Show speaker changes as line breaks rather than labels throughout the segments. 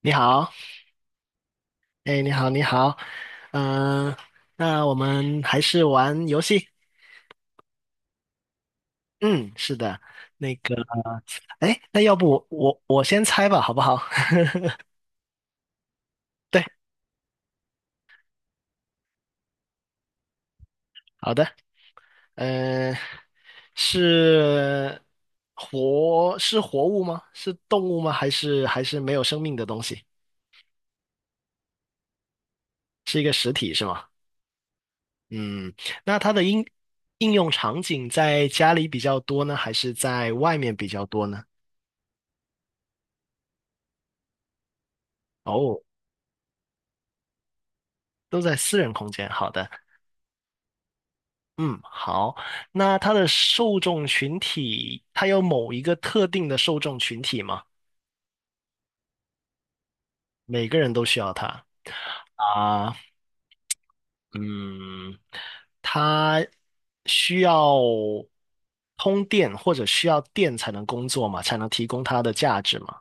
你好，哎，你好，你好，嗯、那我们还是玩游戏。嗯，是的，那个，哎，那要不我先猜吧，好不好？对，好的，嗯、是是活物吗？是动物吗？还是没有生命的东西？是一个实体是吗？嗯，那它的应用场景在家里比较多呢，还是在外面比较多呢？哦，都在私人空间。好的。嗯，好。那它的受众群体，它有某一个特定的受众群体吗？每个人都需要它啊。嗯，它需要通电或者需要电才能工作嘛，才能提供它的价值嘛？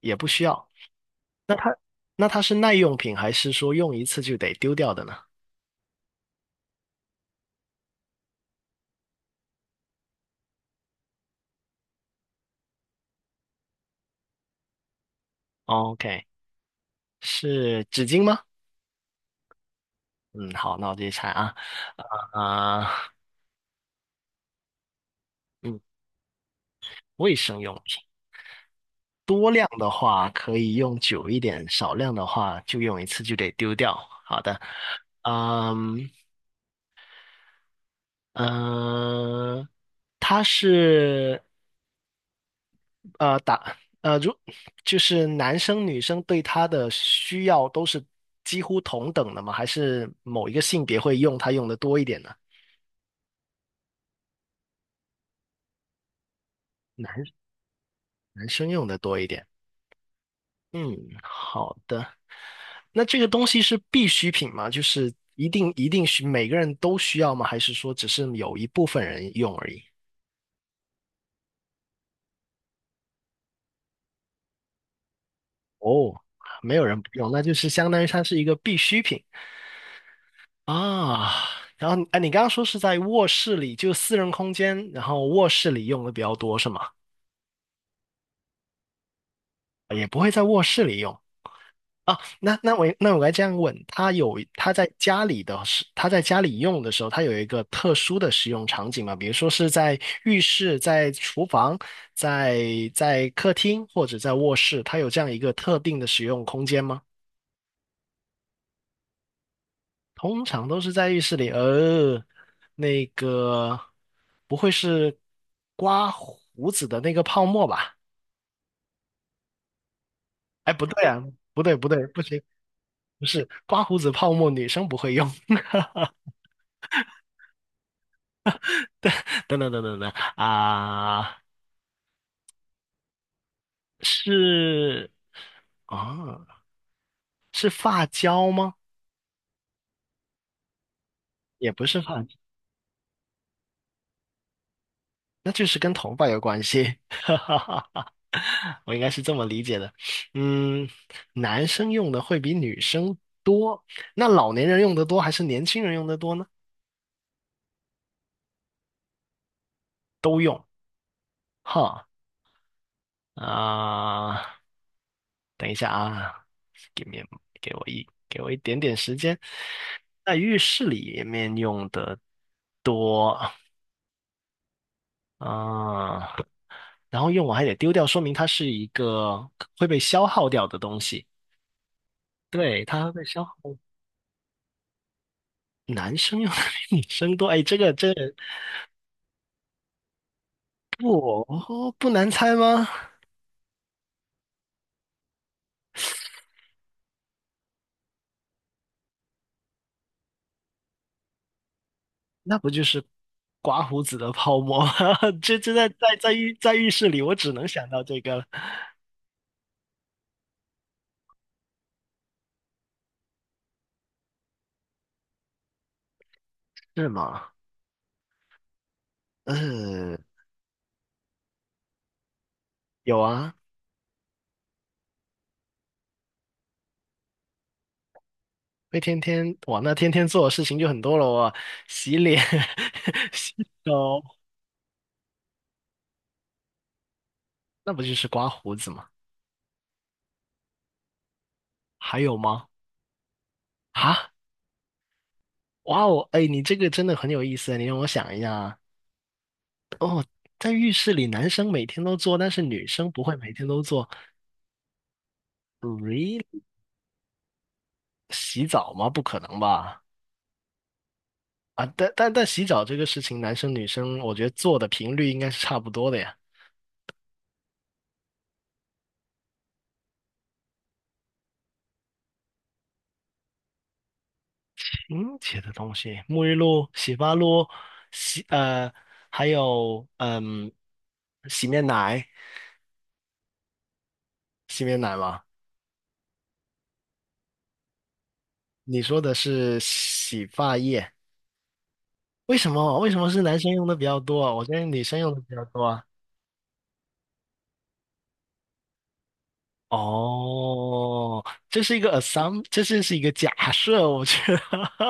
也不需要。那它那它是耐用品，还是说用一次就得丢掉的呢？OK，是纸巾吗？嗯，好，那我继续猜啊。啊、嗯，卫生用品。多量的话可以用久一点，少量的话就用一次就得丢掉。好的，嗯嗯，他是呃打呃如就是男生女生对他的需要都是几乎同等的吗？还是某一个性别会用它用的多一点呢？男生用的多一点。嗯，好的。那这个东西是必需品吗？就是一定每个人都需要吗？还是说只是有一部分人用而已？不，没有人不用，那就是相当于它是一个必需品啊。然后，哎，你刚刚说是在卧室里，就私人空间，然后卧室里用的比较多是吗？也不会在卧室里用。啊，那我该这样问，他有他在家里的时，它在家里用的时候，他有一个特殊的使用场景吗？比如说是在浴室、在厨房、在在客厅或者在卧室，他有这样一个特定的使用空间吗？通常都是在浴室里，那个不会是刮胡子的那个泡沫吧？哎，不对啊，不对不对，不行，不是刮胡子泡沫，女生不会用。等等等等等啊，是啊，是发胶吗？也不是发，那就是跟头发有关系。哈哈哈，我应该是这么理解的。嗯，男生用的会比女生多，那老年人用的多还是年轻人用的多呢？都用。哈啊，等一下啊给 i 给我一点点时间，在浴室里面用的多。啊，然后用完还得丢掉，说明它是一个会被消耗掉的东西。对，它会被消耗。男生用的比女生多，哎，这个不难猜吗？那不就是刮胡子的泡沫吗？这在在浴室里，我只能想到这个了，是吗？嗯，有啊，会天天哇，那天天做的事情就很多了哦，洗脸、洗手，那不就是刮胡子吗？还有吗？啊？哇哦，哎，你这个真的很有意思，你让我想一下啊，在浴室里男生每天都做，但是女生不会每天都做，really？洗澡吗？不可能吧？啊，但洗澡这个事情，男生女生我觉得做的频率应该是差不多的呀。清洁的东西，沐浴露、洗发露、洗呃，还有洗面奶，洗面奶吗？你说的是洗发液，为什么？为什么是男生用的比较多啊？我觉得女生用的比较多啊。哦，这是一个假设，我觉得。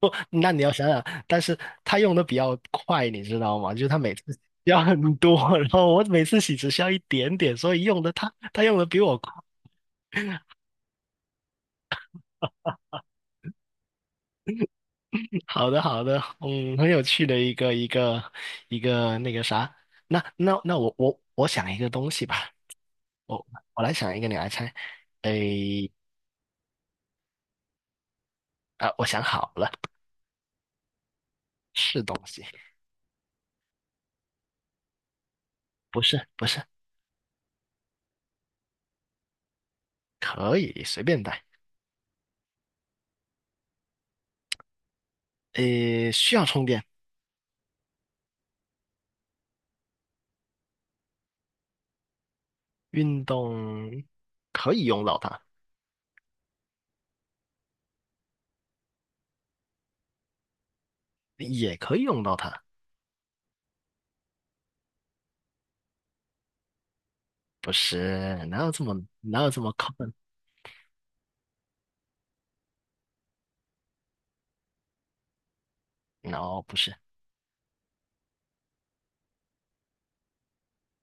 那你要想想，但是他用的比较快，你知道吗？就是他每次要很多，然后我每次洗只需要一点点，所以用的他用的比我快。好的，好的，很有趣的一个那个啥。那我想一个东西吧，我我来想一个，你来猜。诶，啊，我想好了，是东西，不是不是，可以随便带。诶，需要充电，运动可以用到它，也可以用到它，不是？哪有这么坑？no，不是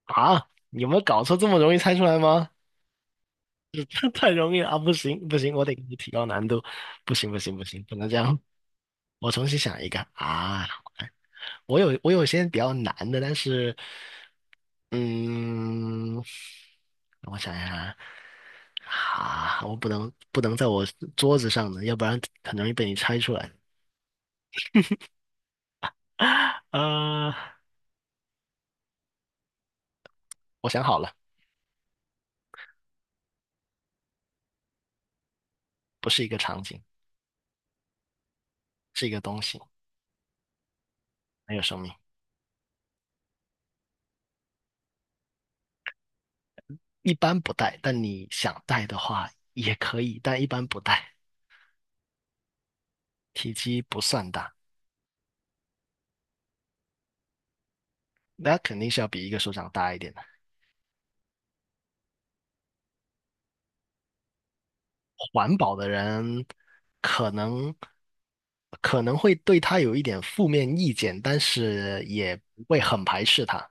啊？有没有搞错？这么容易猜出来吗？太容易了啊！不行不行，我得给你提高难度，不行不行不行，不能这样。我重新想一个啊！我有些比较难的，但是嗯，我想一下，啊，我不能在我桌子上的，要不然很容易被你猜出来。呃，我想好了，不是一个场景，是一个东西，没有生命，一般不带，但你想带的话也可以，但一般不带，体积不算大，那肯定是要比一个手掌大一点的。环保的人可能可能会对他有一点负面意见，但是也不会很排斥他，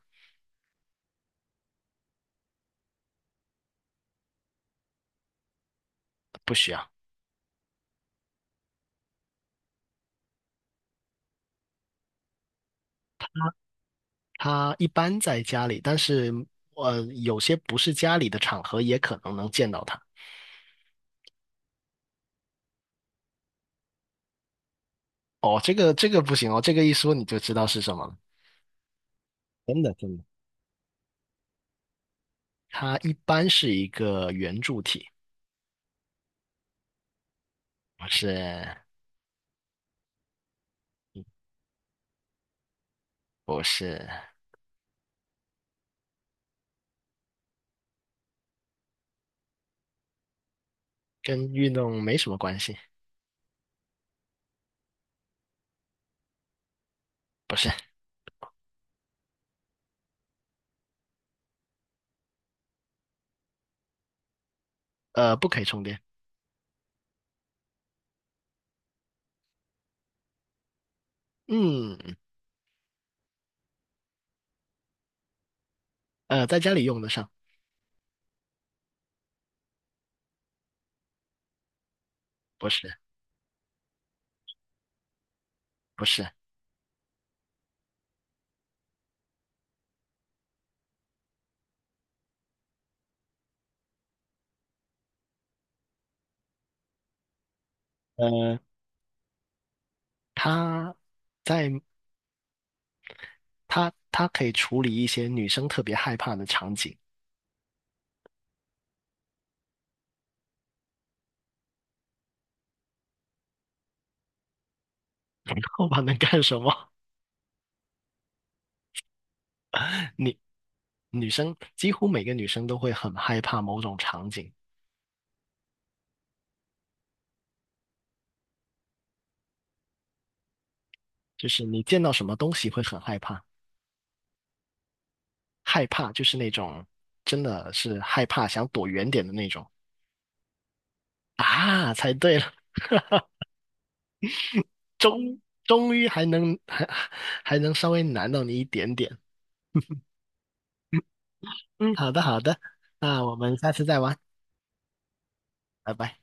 不需要。他一般在家里，但是有些不是家里的场合也可能能见到他。哦，这个不行哦，这个一说你就知道是什么了。真的真的，它一般是一个圆柱体，不是不是跟运动没什么关系，不是不可以充电。嗯，在家里用得上。不是不是，呃，他在他他可以处理一些女生特别害怕的场景。后怕能干什么？女女生几乎每个女生都会很害怕某种场景，就是你见到什么东西会很害怕，害怕就是那种真的是害怕想躲远点的那种啊，猜对了，终于还能稍微难到你一点点。嗯，好的好的，那我们下次再玩，拜拜。